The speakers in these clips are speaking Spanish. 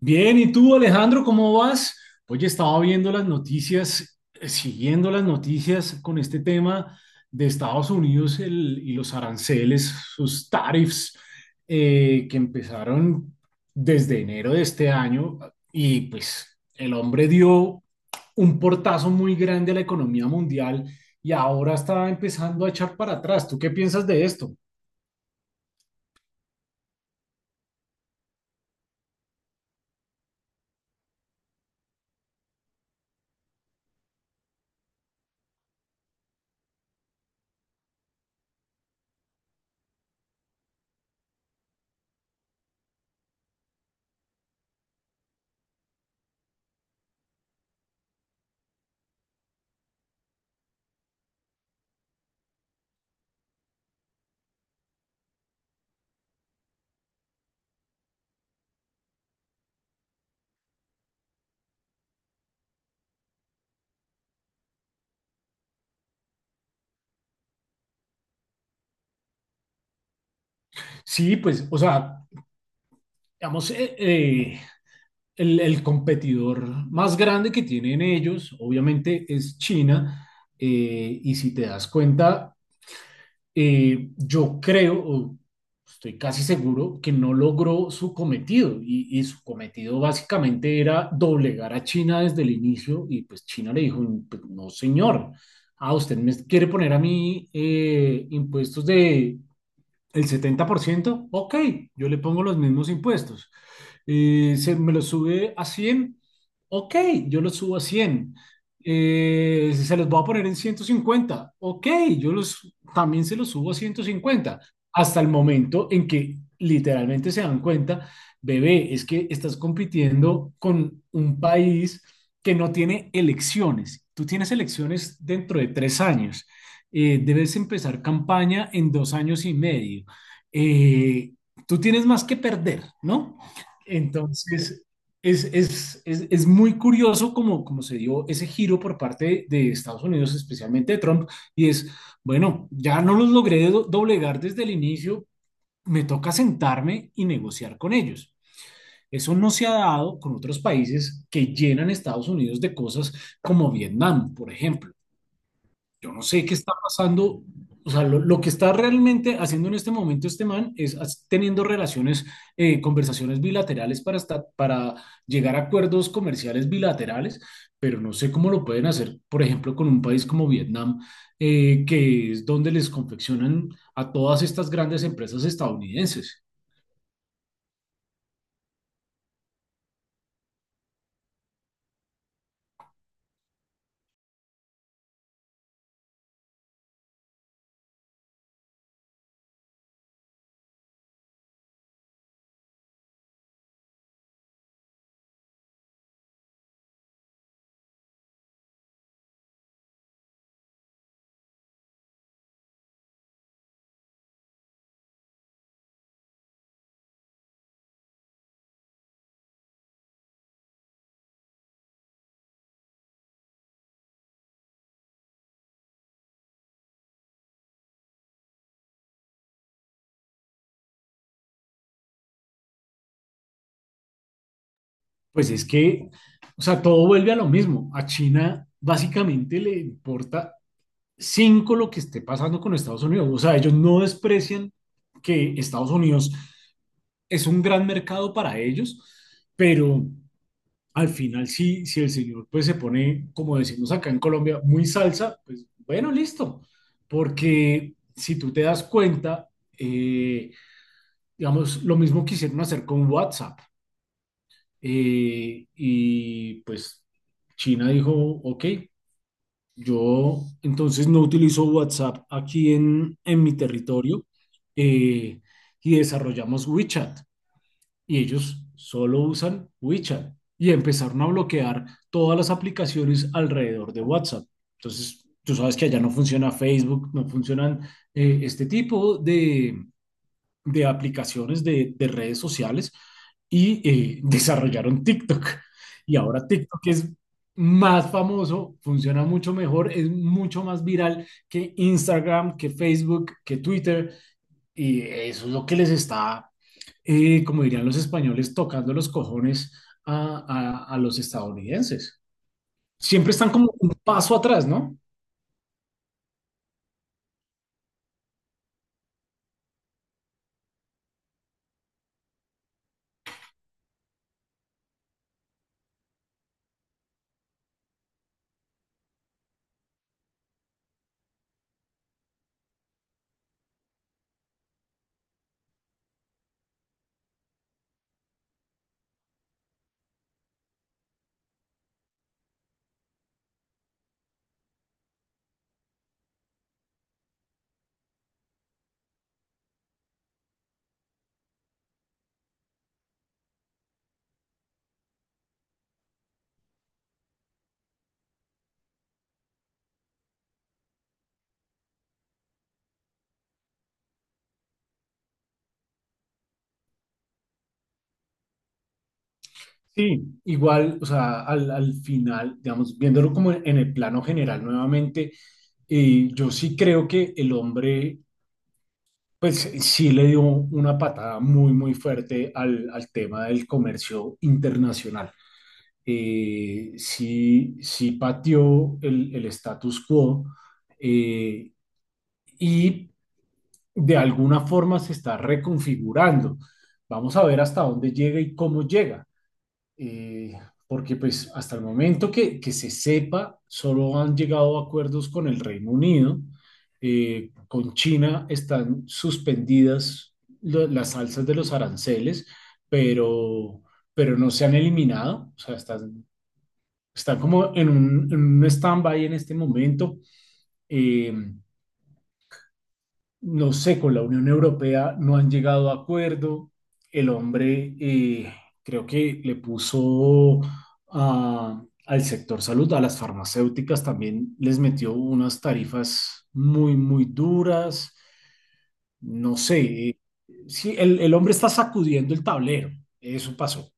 Bien, ¿y tú, Alejandro, cómo vas? Oye, estaba viendo las noticias, siguiendo las noticias con este tema de Estados Unidos y los aranceles, sus tariffs, que empezaron desde enero de este año y pues el hombre dio un portazo muy grande a la economía mundial y ahora está empezando a echar para atrás. ¿Tú qué piensas de esto? Sí, pues, o sea, digamos, el competidor más grande que tienen ellos, obviamente, es China. Y si te das cuenta, yo creo, o estoy casi seguro, que no logró su cometido. Y su cometido básicamente era doblegar a China desde el inicio. Y pues China le dijo, "Pues, no, señor, usted me quiere poner a mí impuestos de el 70%. Ok, yo le pongo los mismos impuestos. Me lo sube a 100. Ok, yo lo subo a 100. Se los voy a poner en 150. Ok, también se los subo a 150." Hasta el momento en que literalmente se dan cuenta, bebé, es que estás compitiendo con un país que no tiene elecciones. Tú tienes elecciones dentro de 3 años. Debes empezar campaña en 2 años y medio. Eh, tú tienes más que perder, ¿no? Entonces, es muy curioso como se dio ese giro por parte de Estados Unidos, especialmente de Trump, y es, bueno, ya no los logré doblegar desde el inicio, me toca sentarme y negociar con ellos. Eso no se ha dado con otros países que llenan Estados Unidos de cosas como Vietnam, por ejemplo. Yo no sé qué está pasando. O sea, lo que está realmente haciendo en este momento este man es teniendo relaciones, conversaciones bilaterales para, para llegar a acuerdos comerciales bilaterales, pero no sé cómo lo pueden hacer, por ejemplo, con un país como Vietnam, que es donde les confeccionan a todas estas grandes empresas estadounidenses. Pues es que, o sea, todo vuelve a lo mismo. A China básicamente le importa cinco lo que esté pasando con Estados Unidos. O sea, ellos no desprecian que Estados Unidos es un gran mercado para ellos, pero al final sí, si el señor pues se pone, como decimos acá en Colombia, muy salsa, pues bueno, listo. Porque si tú te das cuenta, eh, digamos, lo mismo quisieron hacer con WhatsApp. Y pues China dijo, ok, yo entonces no utilizo WhatsApp aquí en mi territorio. eh, y desarrollamos WeChat y ellos solo usan WeChat y empezaron a bloquear todas las aplicaciones alrededor de WhatsApp. Entonces, tú sabes que allá no funciona Facebook, no funcionan este tipo de aplicaciones de redes sociales y desarrollaron TikTok. Y ahora TikTok es más famoso, funciona mucho mejor, es mucho más viral que Instagram, que Facebook, que Twitter. Y eso es lo que les está, como dirían los españoles, tocando los cojones a los estadounidenses. Siempre están como un paso atrás, ¿no? Sí, igual, o sea, al final, digamos, viéndolo como en el plano general nuevamente, yo sí creo que el hombre, pues sí le dio una patada muy, muy fuerte al tema del comercio internacional. Sí, sí pateó el status quo. eh, y de alguna forma se está reconfigurando. Vamos a ver hasta dónde llega y cómo llega. eh, Porque pues hasta el momento que se sepa, solo han llegado a acuerdos con el Reino Unido, con China están suspendidas las alzas de los aranceles, pero, pero no se han eliminado, o sea, están como en un, stand-by en este momento. Eh, no sé, con la Unión Europea no han llegado a acuerdo. El hombre creo que le puso al sector salud, a las farmacéuticas también les metió unas tarifas muy, muy duras. No sé, sí, el hombre está sacudiendo el tablero, eso pasó.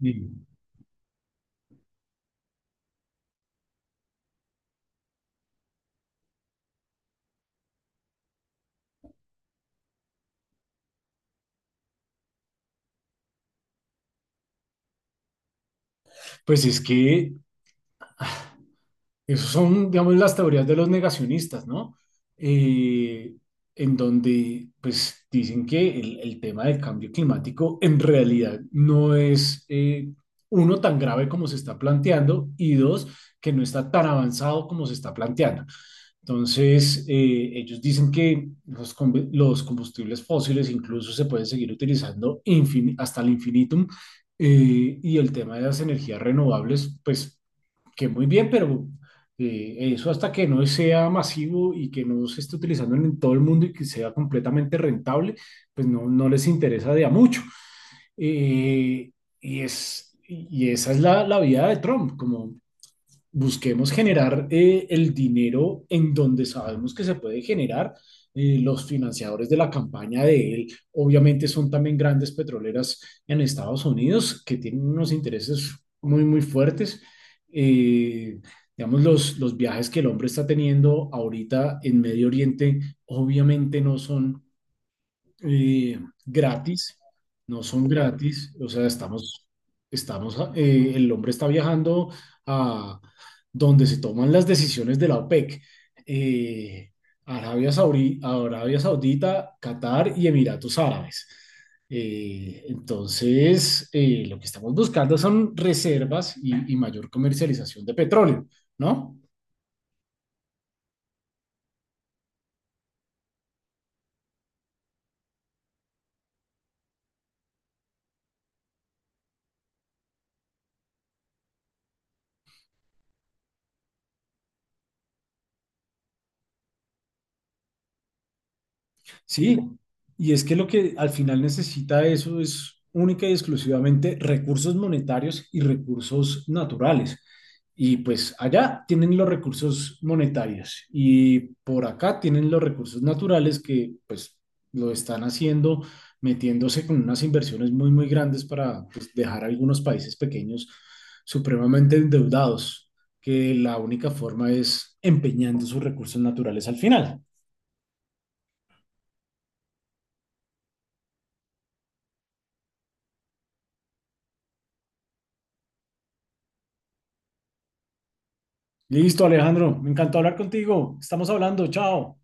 Y, Pues es que esas son, digamos, las teorías de los negacionistas, ¿no? Eh, en donde, pues, dicen que el tema del cambio climático en realidad no es, uno, tan grave como se está planteando y dos, que no está tan avanzado como se está planteando. Entonces, ellos dicen que los combustibles fósiles incluso se pueden seguir utilizando hasta el infinitum. Y el tema de las energías renovables, pues que muy bien, pero eso hasta que no sea masivo y que no se esté utilizando en todo el mundo y que sea completamente rentable, pues no, no les interesa de a mucho. Eh, y esa es la vía de Trump, como busquemos generar el dinero en donde sabemos que se puede generar. Los financiadores de la campaña de él, obviamente, son también grandes petroleras en Estados Unidos que tienen unos intereses muy, muy fuertes. Eh, digamos, los viajes que el hombre está teniendo ahorita en Medio Oriente, obviamente eh, gratis, no son gratis, o sea, el hombre está viajando a donde se toman las decisiones de la OPEC, eh, Arabia Saudí, Arabia Saudita, Qatar y Emiratos Árabes. Entonces, lo que estamos buscando son reservas y mayor comercialización de petróleo, ¿no? Sí, y es que lo que al final necesita eso es única y exclusivamente recursos monetarios y recursos naturales. Y pues allá tienen los recursos monetarios y por acá tienen los recursos naturales que pues lo están haciendo metiéndose con unas inversiones muy, muy grandes para pues, dejar a algunos países pequeños supremamente endeudados, que la única forma es empeñando sus recursos naturales al final. Listo, Alejandro, me encantó hablar contigo. Estamos hablando, chao.